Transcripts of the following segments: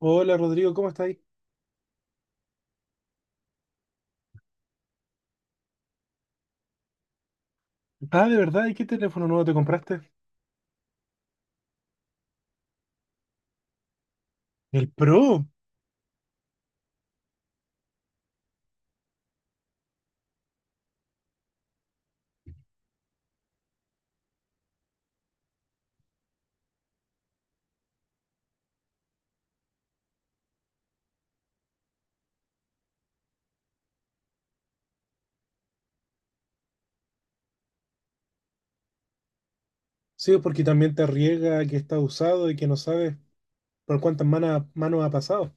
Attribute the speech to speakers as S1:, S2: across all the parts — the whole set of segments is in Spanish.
S1: Hola Rodrigo, ¿cómo estás? Ah, de verdad, ¿y qué teléfono nuevo te compraste? El Pro. Sí, porque también te riega que está usado y que no sabes por cuántas manos ha pasado.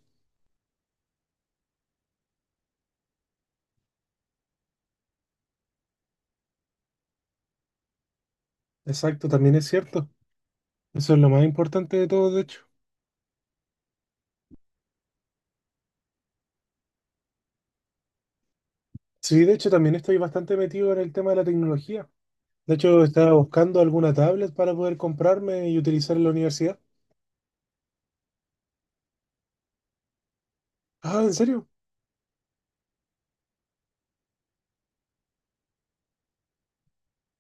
S1: Exacto, también es cierto. Eso es lo más importante de todo, de hecho. Sí, de hecho, también estoy bastante metido en el tema de la tecnología. De hecho, estaba buscando alguna tablet para poder comprarme y utilizar en la universidad. Ah, ¿en serio?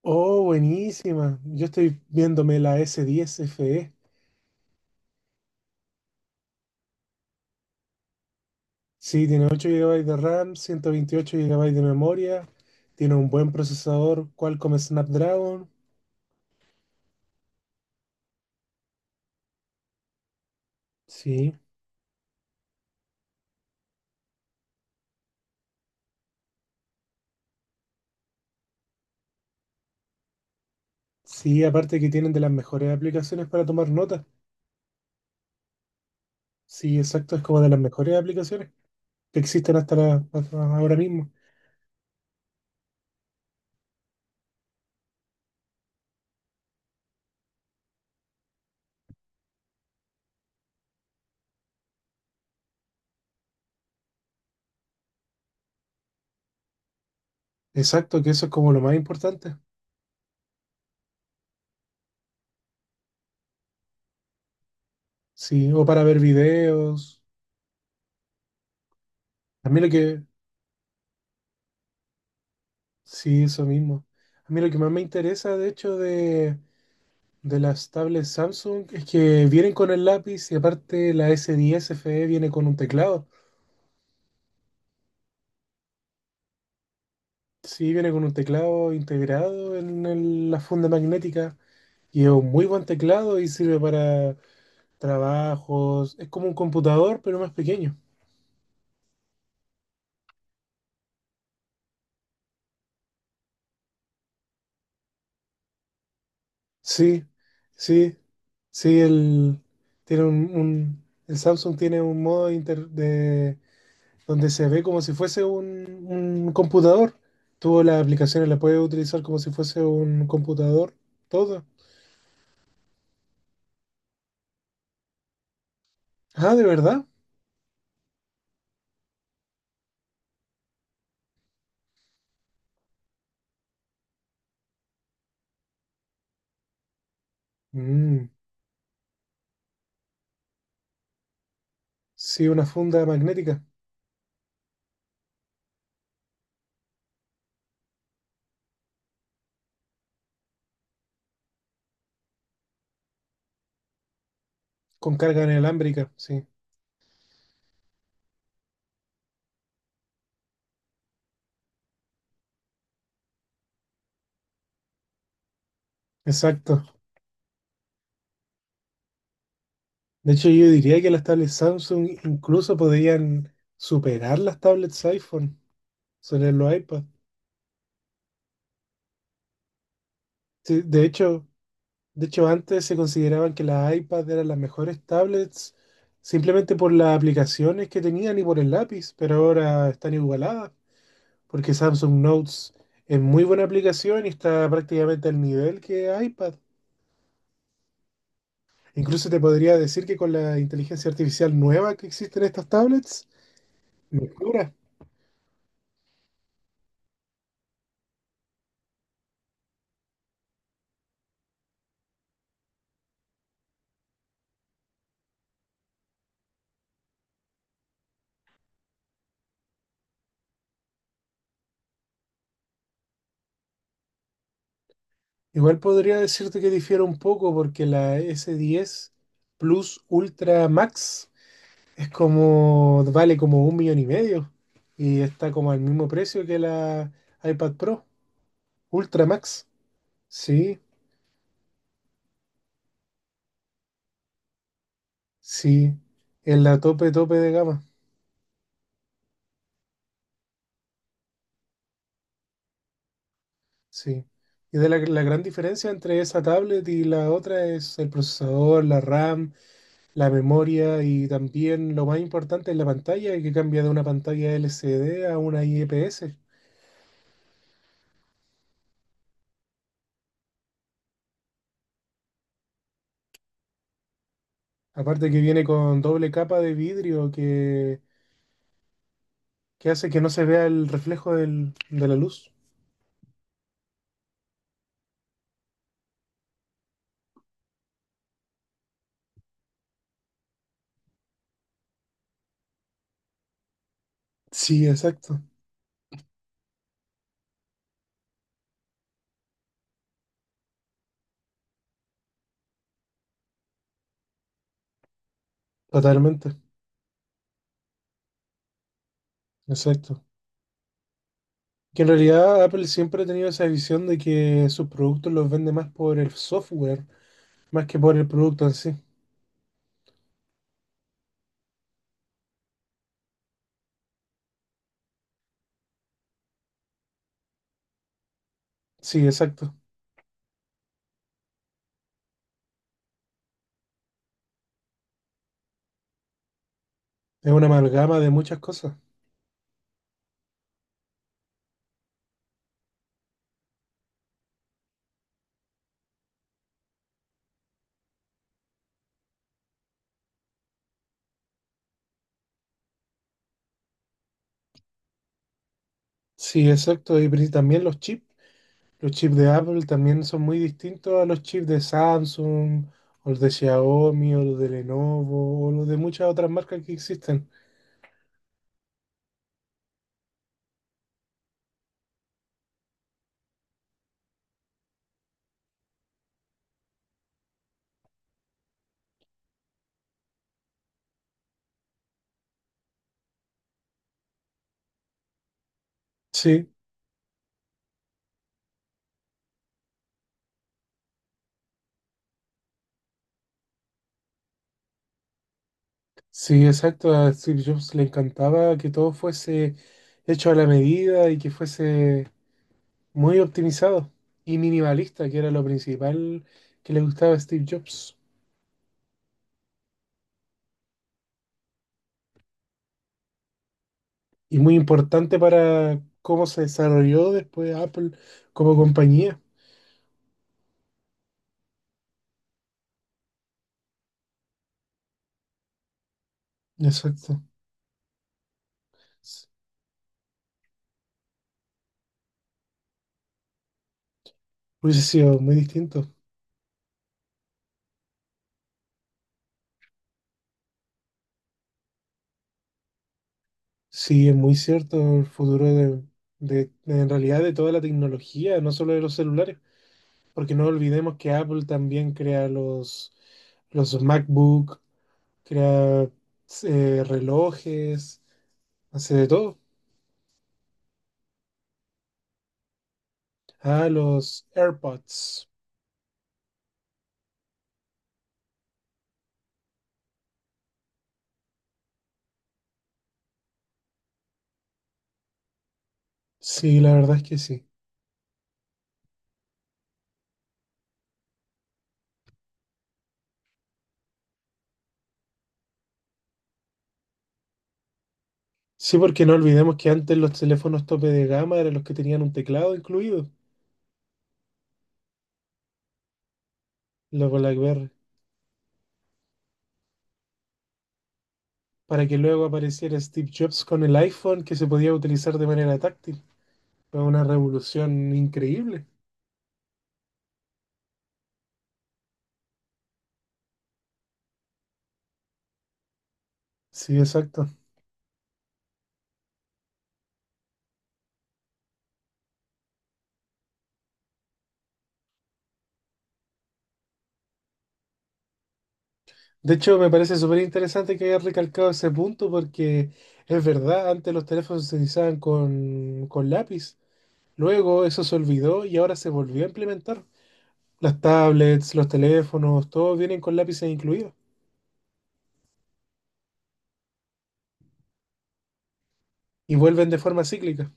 S1: Oh, buenísima. Yo estoy viéndome la S10 FE. Sí, tiene 8 gigabytes de RAM, 128 gigabytes de memoria, tiene un buen procesador Qualcomm Snapdragon. Sí, sí, aparte que tienen de las mejores aplicaciones para tomar notas. Sí, exacto, es como de las mejores aplicaciones que existen hasta ahora mismo. Exacto, que eso es como lo más importante. Sí, o para ver videos. A mí lo que, sí, eso mismo. A mí lo que más me interesa, de hecho, de las tablets Samsung es que vienen con el lápiz y aparte la S10 FE viene con un teclado. Sí, viene con un teclado integrado en la funda magnética y es un muy buen teclado y sirve para trabajos. Es como un computador, pero más pequeño. Sí, sí, sí, el, tiene el Samsung tiene un modo inter- de donde se ve como si fuese un computador. Tú las aplicaciones las puedes utilizar como si fuese un computador, todo. Ah, ¿de verdad? Mm, sí, una funda magnética con carga inalámbrica, sí, exacto. De hecho, yo diría que las tablets Samsung incluso podrían superar las tablets iPhone sobre los iPad. Sí, de hecho, antes se consideraban que las iPads eran las mejores tablets simplemente por las aplicaciones que tenían y por el lápiz, pero ahora están igualadas porque Samsung Notes es muy buena aplicación y está prácticamente al nivel que iPad. Incluso te podría decir que con la inteligencia artificial nueva que existe en estas tablets, mejora. Igual podría decirte que difiere un poco porque la S10 Plus Ultra Max es como, vale como un millón y medio y está como al mismo precio que la iPad Pro Ultra Max. Sí, sí, en la tope, tope de gama. Sí. Y de la gran diferencia entre esa tablet y la otra es el procesador, la RAM, la memoria y también lo más importante es la pantalla que cambia de una pantalla LCD a una IPS. Aparte que viene con doble capa de vidrio que hace que no se vea el reflejo de la luz. Sí, exacto, totalmente, exacto. Que en realidad Apple siempre ha tenido esa visión de que sus productos los vende más por el software, más que por el producto en sí. Sí, exacto. Es una amalgama de muchas cosas. Sí, exacto. Y también los chips. Los chips de Apple también son muy distintos a los chips de Samsung, o los de Xiaomi, o los de Lenovo, o los de muchas otras marcas que existen. Sí, sí, exacto. A Steve Jobs le encantaba que todo fuese hecho a la medida y que fuese muy optimizado y minimalista, que era lo principal que le gustaba a Steve Jobs. Y muy importante para cómo se desarrolló después Apple como compañía. Exacto. S- hubiese sido muy distinto. Sí, es muy cierto el futuro de en realidad de toda la tecnología, no solo de los celulares. Porque no olvidemos que Apple también crea los MacBook, crea relojes, hace de todo. Ah, los AirPods. Sí, la verdad es que sí. Sí, porque no olvidemos que antes los teléfonos tope de gama eran los que tenían un teclado incluido, los BlackBerry, para que luego apareciera Steve Jobs con el iPhone que se podía utilizar de manera táctil. Fue una revolución increíble. Sí, exacto. De hecho, me parece súper interesante que hayas recalcado ese punto porque es verdad, antes los teléfonos se utilizaban con lápiz, luego eso se olvidó y ahora se volvió a implementar. Las tablets, los teléfonos, todos vienen con lápices incluidos y vuelven de forma cíclica.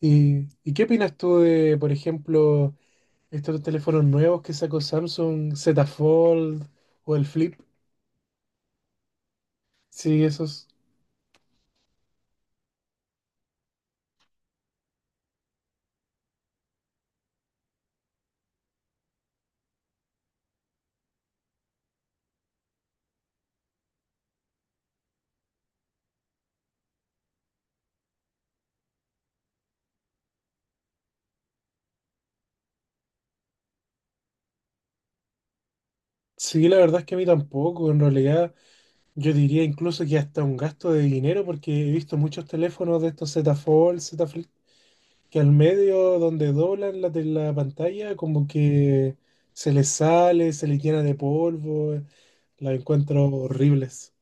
S1: ¿Y qué opinas tú de, por ejemplo, estos teléfonos nuevos que sacó Samsung, Z Fold o el Flip? Sí, esos. Sí, la verdad es que a mí tampoco, en realidad. Yo diría incluso que hasta un gasto de dinero, porque he visto muchos teléfonos de estos Z Fold, Z Flip, que al medio donde doblan de la pantalla, como que se les sale, se les llena de polvo, la encuentro horribles.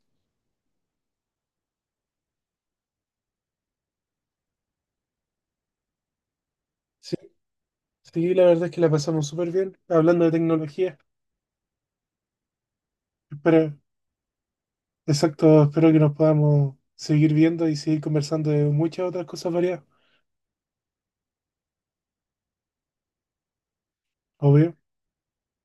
S1: Sí, sí, la verdad es que la pasamos súper bien hablando de tecnología. Espero, exacto, espero que nos podamos seguir viendo y seguir conversando de muchas otras cosas variadas, obvio.